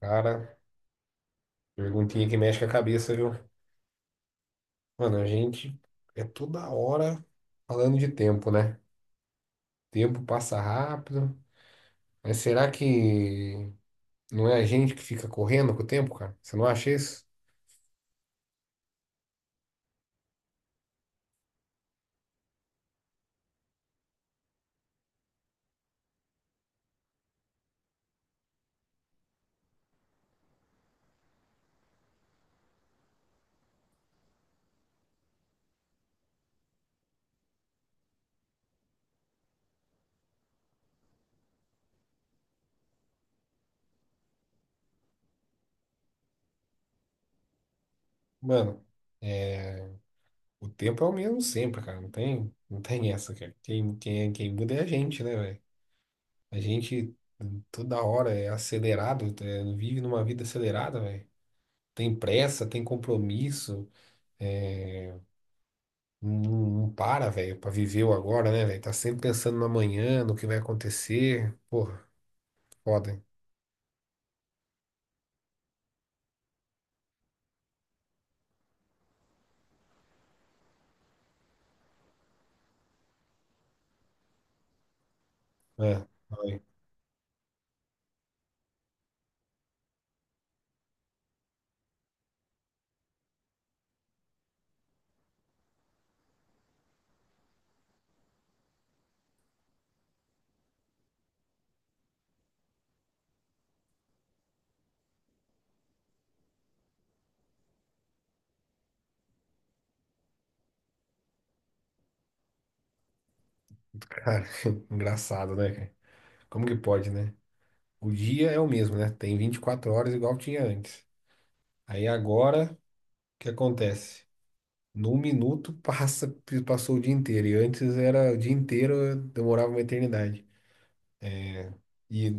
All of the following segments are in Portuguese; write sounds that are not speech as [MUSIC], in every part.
Cara, perguntinha que mexe com a cabeça, viu? Mano, a gente toda hora falando de tempo, né? Tempo passa rápido. Mas será que não é a gente que fica correndo com o tempo, cara? Você não acha isso? Mano, é, o tempo é o mesmo sempre, cara. Não tem essa, cara. Quem muda é a gente, né, velho? A gente toda hora é acelerado, vive numa vida acelerada, velho. Tem pressa, tem compromisso. é, Não, não para, velho, pra viver o agora, né, velho? Tá sempre pensando no amanhã, no que vai acontecer. Porra, foda, hein? É, ai, cara, [LAUGHS] engraçado, né, cara? Como que pode, né? O dia é o mesmo, né? Tem 24 horas igual tinha antes. Aí agora, o que acontece? Num minuto [LAUGHS] passa, passou o dia inteiro. E antes era o dia inteiro, demorava uma eternidade. E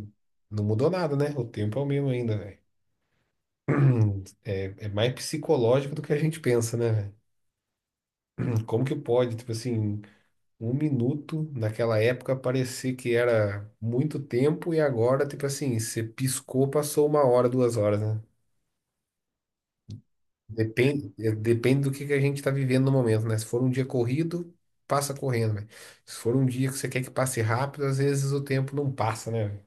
não mudou nada, né? O tempo é o mesmo ainda, velho. [CLEARS THROAT] É, é mais psicológico do que a gente pensa, né, velho? Como que pode, tipo assim, um minuto naquela época parecer que era muito tempo e agora, tipo assim, você piscou, passou uma hora, duas horas, né? Depende, depende do que a gente tá vivendo no momento, né? Se for um dia corrido, passa correndo, velho. Se for um dia que você quer que passe rápido, às vezes o tempo não passa, né, velho?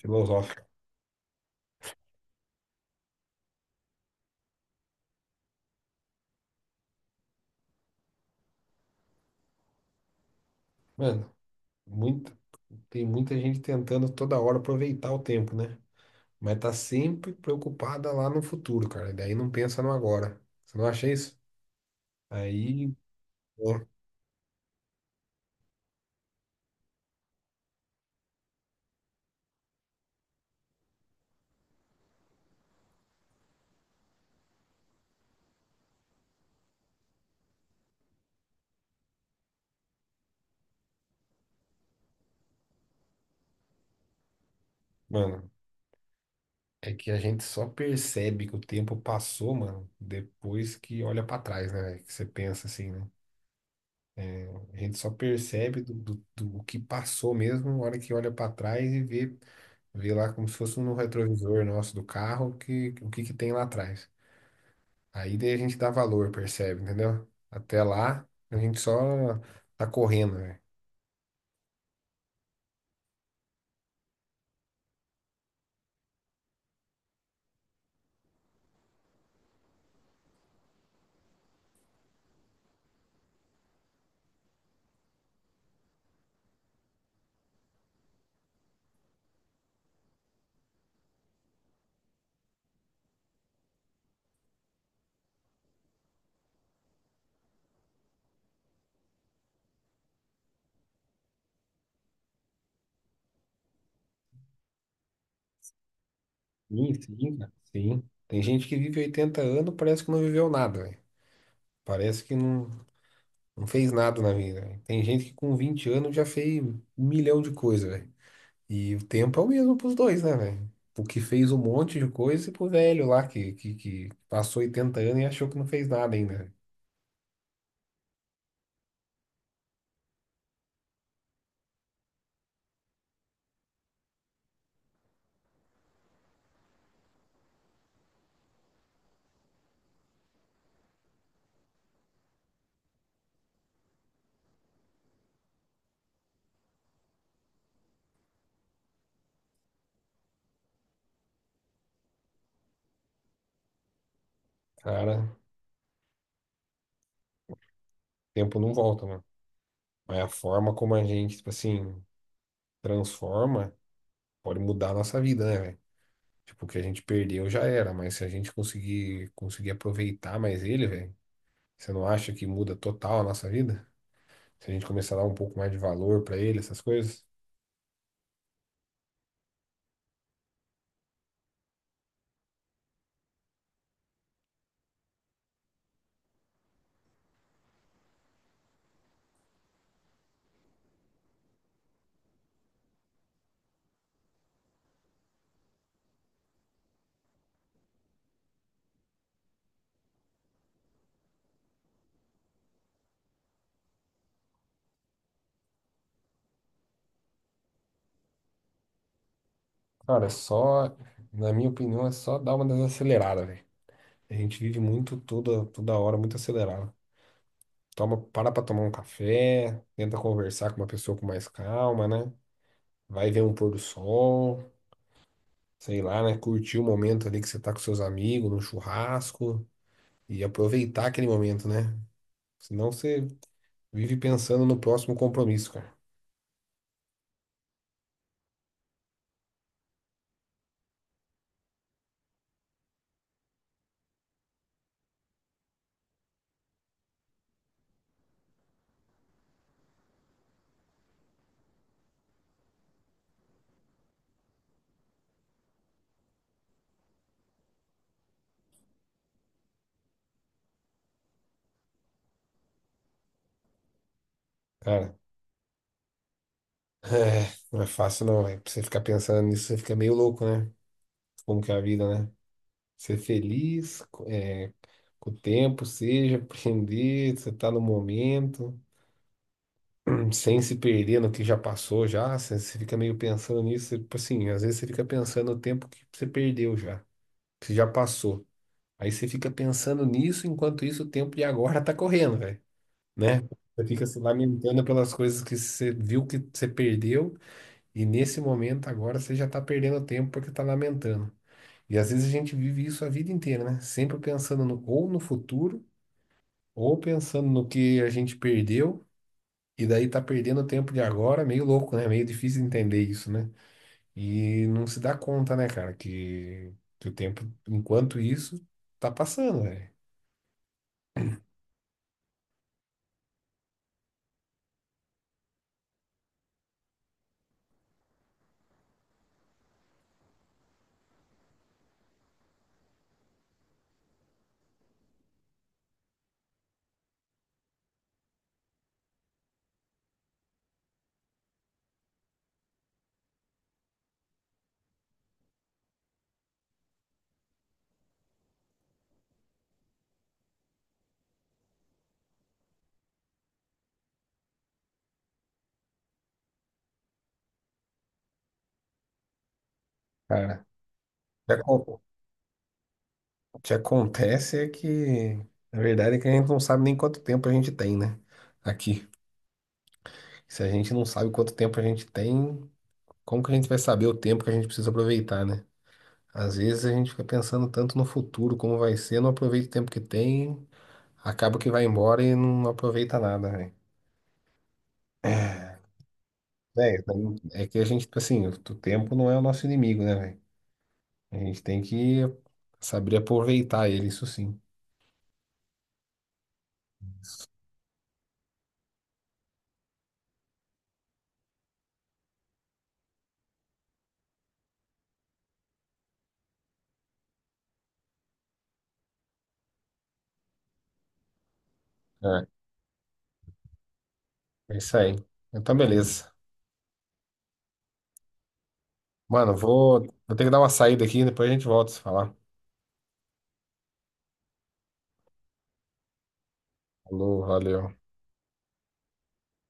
Filosófico. Mano, muita, tem muita gente tentando toda hora aproveitar o tempo, né? Mas tá sempre preocupada lá no futuro, cara. Daí não pensa no agora. Você não acha isso? Aí né? Mano, é que a gente só percebe que o tempo passou, mano, depois que olha pra trás, né? Que você pensa assim, né? É, a gente só percebe do que passou mesmo na hora que olha pra trás e vê, vê lá como se fosse no retrovisor nosso do carro que, o que que tem lá atrás. Aí daí a gente dá valor, percebe, entendeu? Até lá, a gente só tá correndo, velho. Sim, sim, cara. Sim. Tem gente que vive 80 anos, parece que não viveu nada, velho. Parece que não. Não fez nada na vida, velho. Tem gente que com 20 anos já fez 1 milhão de coisas, velho. E o tempo é o mesmo pros dois, né, velho? O que fez um monte de coisa e pro velho lá que passou 80 anos e achou que não fez nada ainda, velho. Cara, o tempo não volta, mano. Mas a forma como a gente, tipo assim, transforma pode mudar a nossa vida, né, velho? Tipo, o que a gente perdeu já era, mas se a gente conseguir aproveitar mais ele, velho, você não acha que muda total a nossa vida? Se a gente começar a dar um pouco mais de valor pra ele, essas coisas? Cara, na minha opinião, é só dar uma desacelerada, velho. A gente vive muito toda hora, muito acelerado. Para pra tomar um café, tenta conversar com uma pessoa com mais calma, né? Vai ver um pôr do sol, sei lá, né? Curtir o momento ali que você tá com seus amigos, no churrasco, e aproveitar aquele momento, né? Senão você vive pensando no próximo compromisso, cara. Cara, [LAUGHS] é, não é fácil não, velho. Pra você ficar pensando nisso, você fica meio louco, né? Como que é a vida, né? Ser feliz. Com o tempo, seja, aprender, você tá no momento, sem se perder no que já passou já, você fica meio pensando nisso, você, tipo assim, às vezes você fica pensando no tempo que você perdeu já, que já passou. Aí você fica pensando nisso, enquanto isso o tempo de agora tá correndo, velho, né? Você fica se lamentando pelas coisas que você viu que você perdeu, e nesse momento agora você já tá perdendo tempo porque tá lamentando. E às vezes a gente vive isso a vida inteira, né? Sempre pensando no, ou no futuro, ou pensando no que a gente perdeu, e daí tá perdendo o tempo de agora, meio louco, né? Meio difícil entender isso, né? E não se dá conta, né, cara, que o tempo, enquanto isso, tá passando, velho. Cara, o que acon- o que acontece é que, na verdade, é que a gente não sabe nem quanto tempo a gente tem, né? Aqui. Se a gente não sabe quanto tempo a gente tem, como que a gente vai saber o tempo que a gente precisa aproveitar, né? Às vezes a gente fica pensando tanto no futuro, como vai ser, não aproveita o tempo que tem. Acaba que vai embora e não aproveita nada, velho. É, velho, é que a gente, tipo assim, o tempo não é o nosso inimigo, né, velho? A gente tem que saber aproveitar ele, isso sim. É, é isso aí. Então, beleza. Mano, vou ter que dar uma saída aqui, depois a gente volta a se falar. Falou, valeu.